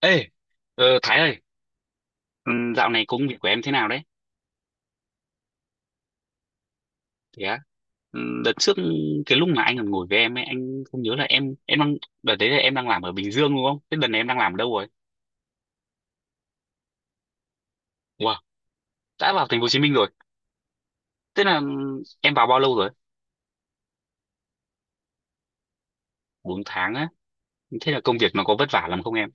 Ê, Thái ơi, ừ, dạo này công việc của em thế nào đấy? Thế á, ừ, đợt trước cái lúc mà anh còn ngồi với em ấy, anh không nhớ là em đang đợt đấy là em đang làm ở Bình Dương đúng không? Thế đợt này em đang làm ở đâu rồi? Wow, đã vào thành phố Hồ Chí Minh rồi. Thế là ừ, em vào bao lâu rồi? 4 tháng á. Thế là công việc nó có vất vả lắm không em?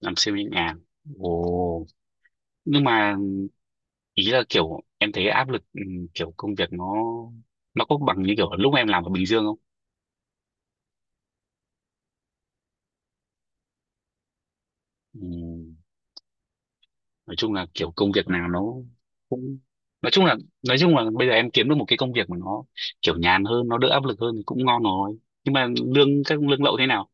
Làm siêu nhẹ nhàng. Ồ. Nhưng mà ý là kiểu em thấy áp lực kiểu công việc nó có bằng như kiểu lúc em làm ở Bình Dương không? Ừ. Nói chung là kiểu công việc nào nó cũng nói chung là nói chung là bây giờ em kiếm được một cái công việc mà nó kiểu nhàn hơn nó đỡ áp lực hơn thì cũng ngon rồi, nhưng mà các lương lậu thế nào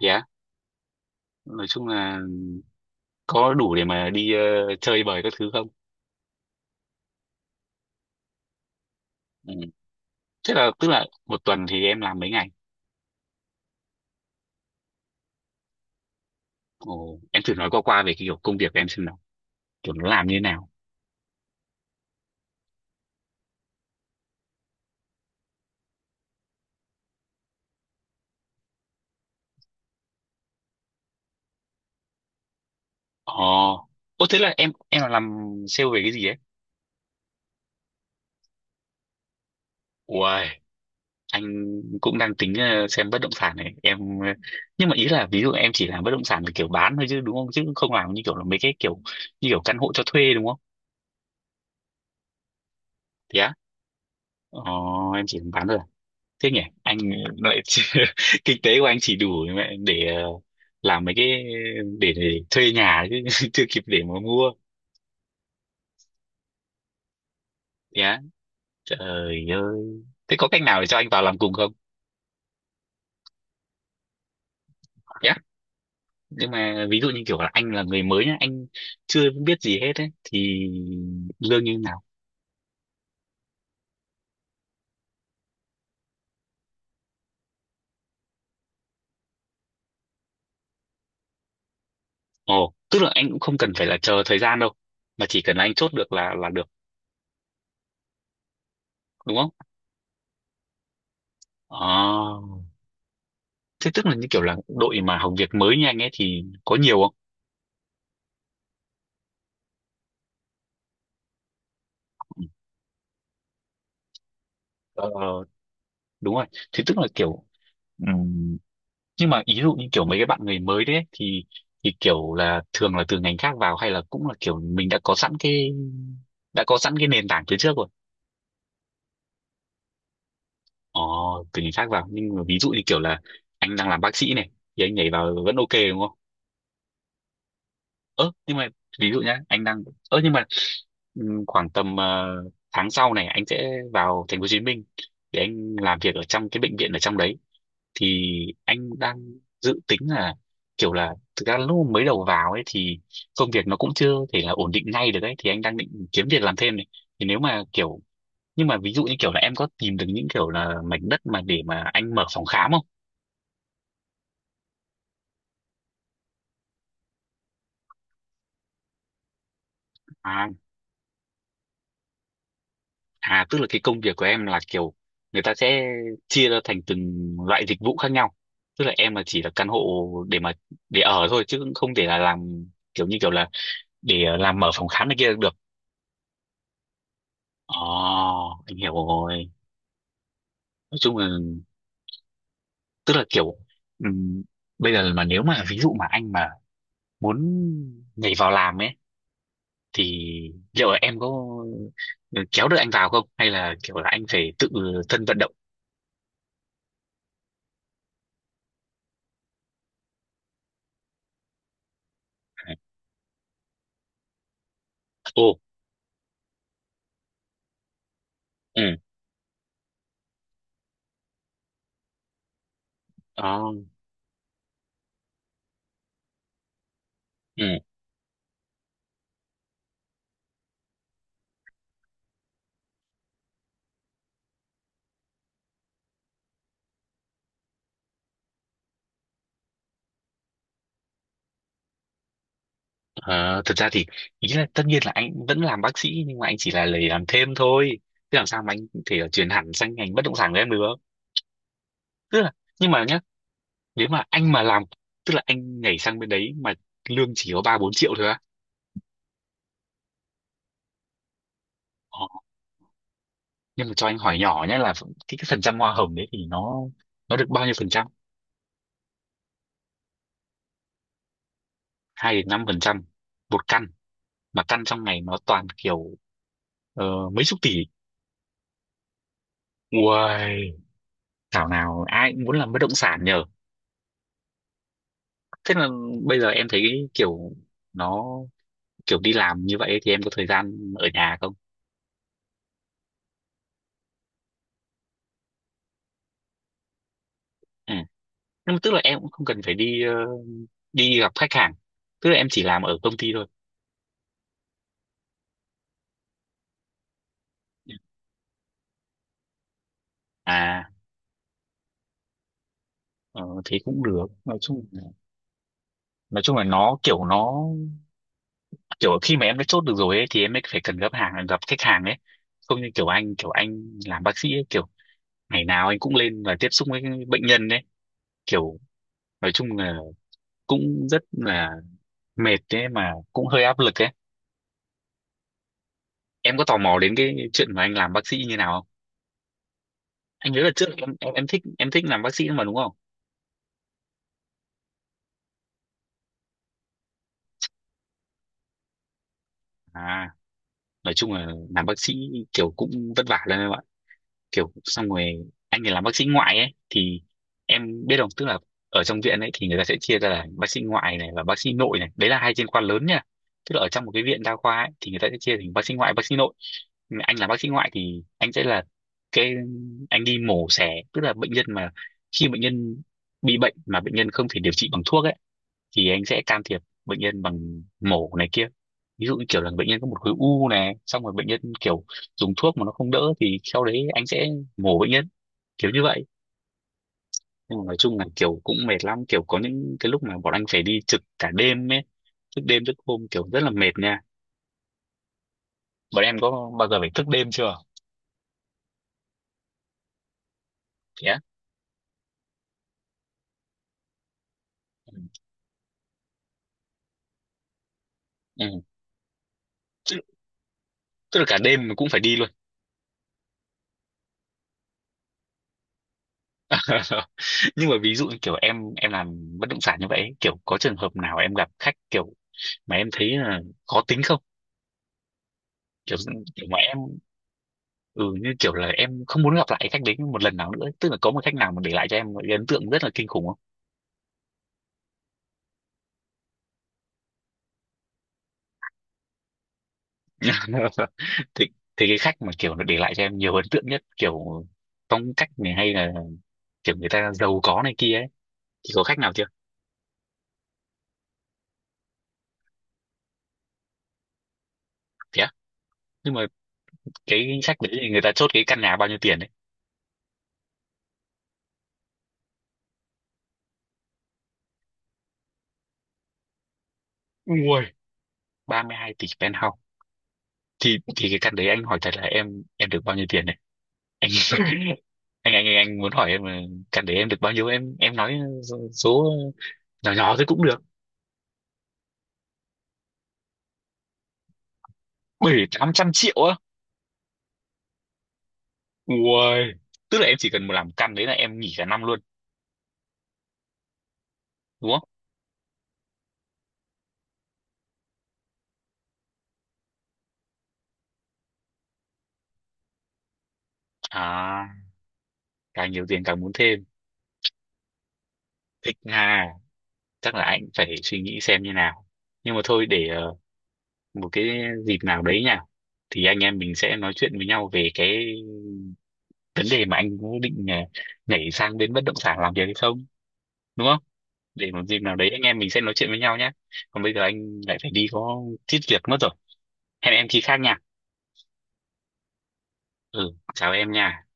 thì á, nói chung là có đủ để mà đi chơi bời các thứ không. Ừ. Thế là tức là một tuần thì em làm mấy ngày. Ồ, em thử nói qua qua về cái kiểu công việc của em xem nào, kiểu nó làm như thế nào. Ồ, thế là em là làm sale về cái gì ấy. Ui. Anh cũng đang tính xem bất động sản này em, nhưng mà ý là ví dụ em chỉ làm bất động sản là kiểu bán thôi chứ đúng không, chứ không làm như kiểu là mấy cái kiểu như kiểu căn hộ cho thuê đúng không. Thế á. ờ, em chỉ làm bán thôi à? Thế nhỉ anh lại kinh tế của anh chỉ đủ mẹ để làm mấy cái để thuê nhà chứ chưa kịp để mà mua. Thế á, trời ơi, thế có cách nào để cho anh vào làm cùng không. Thế á, nhưng mà ví dụ như kiểu là anh là người mới nhá, anh chưa biết gì hết ấy thì lương như nào. Ồ, tức là anh cũng không cần phải là chờ thời gian đâu, mà chỉ cần anh chốt được là được, đúng không? Ờ, thế tức là như kiểu là đội mà học việc mới như anh ấy thì có nhiều không? Ờ, đúng rồi. Thế tức là kiểu ừm, nhưng mà ý dụ như kiểu mấy cái bạn người mới đấy ấy, thì kiểu là thường là từ ngành khác vào, hay là cũng là kiểu mình đã có sẵn cái nền tảng từ trước rồi. Ờ, từ ngành khác vào, nhưng mà ví dụ như kiểu là anh đang làm bác sĩ này thì anh nhảy vào vẫn ok đúng không? Ơ nhưng mà ví dụ nhá, anh đang ơ nhưng mà khoảng tầm tháng sau này anh sẽ vào thành phố Hồ Chí Minh để anh làm việc ở trong cái bệnh viện ở trong đấy, thì anh đang dự tính là kiểu là thực ra lúc mới đầu vào ấy thì công việc nó cũng chưa thể là ổn định ngay được ấy, thì anh đang định kiếm việc làm thêm này, thì nếu mà kiểu, nhưng mà ví dụ như kiểu là em có tìm được những kiểu là mảnh đất mà để mà anh mở phòng khám không. À. Tức là cái công việc của em là kiểu người ta sẽ chia ra thành từng loại dịch vụ khác nhau. Tức là em là chỉ là căn hộ để mà để ở thôi, chứ cũng không thể là làm kiểu như kiểu là để làm mở phòng khám này kia được. Ồ, anh hiểu rồi. Nói chung là tức là kiểu ừm, bây giờ mà nếu mà ví dụ mà anh mà muốn nhảy vào làm ấy thì liệu là em có kéo được anh vào không, hay là kiểu là anh phải tự thân vận động? Ồ. Ừ. Đó. Ừ. Ờ, thực ra thì ý là tất nhiên là anh vẫn làm bác sĩ, nhưng mà anh chỉ là lấy làm thêm thôi, chứ làm sao mà anh có thể chuyển hẳn sang ngành bất động sản của em được. Tức là, nhưng mà nhá, nếu mà anh mà làm, tức là anh nhảy sang bên đấy mà lương chỉ có ba bốn triệu thôi á. Ờ, nhưng mà cho anh hỏi nhỏ nhé là cái phần trăm hoa hồng đấy thì nó được bao nhiêu phần trăm. 2 đến 5% một căn, mà căn trong này nó toàn kiểu ờ, mấy chục tỷ. Uầy, thảo nào ai cũng muốn làm bất động sản nhờ. Thế là bây giờ em thấy kiểu nó kiểu đi làm như vậy thì em có thời gian ở nhà không. Ừ. Nhưng mà tức là em cũng không cần phải đi đi gặp khách hàng, tức là em chỉ làm ở công ty thôi. À ờ, thế cũng được. Nói chung, nói chung là nó kiểu khi mà em đã chốt được rồi ấy, thì em mới phải cần gặp khách hàng ấy, không như kiểu anh, kiểu anh làm bác sĩ ấy, kiểu ngày nào anh cũng lên và tiếp xúc với bệnh nhân ấy, kiểu nói chung là cũng rất là mệt đấy, mà cũng hơi áp lực ấy. Em có tò mò đến cái chuyện mà anh làm bác sĩ như nào không. Anh nhớ là trước em, em thích làm bác sĩ mà đúng không. À, nói chung là làm bác sĩ kiểu cũng vất vả lắm em ạ, kiểu xong rồi anh thì làm bác sĩ ngoại ấy, thì em biết không, tức là ở trong viện ấy thì người ta sẽ chia ra là bác sĩ ngoại này và bác sĩ nội này, đấy là hai chuyên khoa lớn nha, tức là ở trong một cái viện đa khoa ấy, thì người ta sẽ chia thành bác sĩ ngoại, bác sĩ nội. Nhưng mà anh làm bác sĩ ngoại thì anh sẽ là cái anh đi mổ xẻ, tức là bệnh nhân mà khi bệnh nhân bị bệnh mà bệnh nhân không thể điều trị bằng thuốc ấy, thì anh sẽ can thiệp bệnh nhân bằng mổ này kia, ví dụ như kiểu là bệnh nhân có một khối u này, xong rồi bệnh nhân kiểu dùng thuốc mà nó không đỡ thì sau đấy anh sẽ mổ bệnh nhân, kiểu như vậy. Nhưng mà nói chung là kiểu cũng mệt lắm, kiểu có những cái lúc mà bọn anh phải đi trực cả đêm ấy, thức đêm thức hôm kiểu rất là mệt nha. Bọn em có bao giờ phải thức đêm chưa. Thế á? Ừ. Tức, tức là cả đêm mà cũng phải đi luôn. Nhưng mà ví dụ như kiểu em làm bất động sản như vậy ấy, kiểu có trường hợp nào em gặp khách kiểu mà em thấy là khó tính không, kiểu kiểu mà em ừ, như kiểu là em không muốn gặp lại cái khách đấy một lần nào nữa ấy. Tức là có một khách nào mà để lại cho em một cái ấn tượng rất là kinh khủng không. thì thì cái khách mà kiểu nó để lại cho em nhiều ấn tượng nhất, kiểu phong cách này, hay là kiểu người ta giàu có này kia ấy, thì có khách nào chưa. Thế á? Nhưng mà cái khách đấy thì người ta chốt cái căn nhà bao nhiêu tiền đấy. Ui, 32 tỷ penthouse. Thì cái căn đấy anh hỏi thật là em được bao nhiêu tiền đấy. anh anh muốn hỏi em là căn đấy em được bao nhiêu, em nói số số nhỏ nhỏ thôi cũng được. Bảy tám trăm triệu á. Ui, tức là em chỉ cần một làm căn đấy là em nghỉ cả năm luôn đúng không. À, càng nhiều tiền càng muốn thêm, thích ha. Chắc là anh phải suy nghĩ xem như nào, nhưng mà thôi, để một cái dịp nào đấy nha, thì anh em mình sẽ nói chuyện với nhau về cái vấn đề mà anh có định nhảy sang bên bất động sản làm việc hay không, đúng không. Để một dịp nào đấy anh em mình sẽ nói chuyện với nhau nhé. Còn bây giờ anh lại phải đi có chút việc mất rồi, hẹn em khi khác nha. Ừ, chào em nha.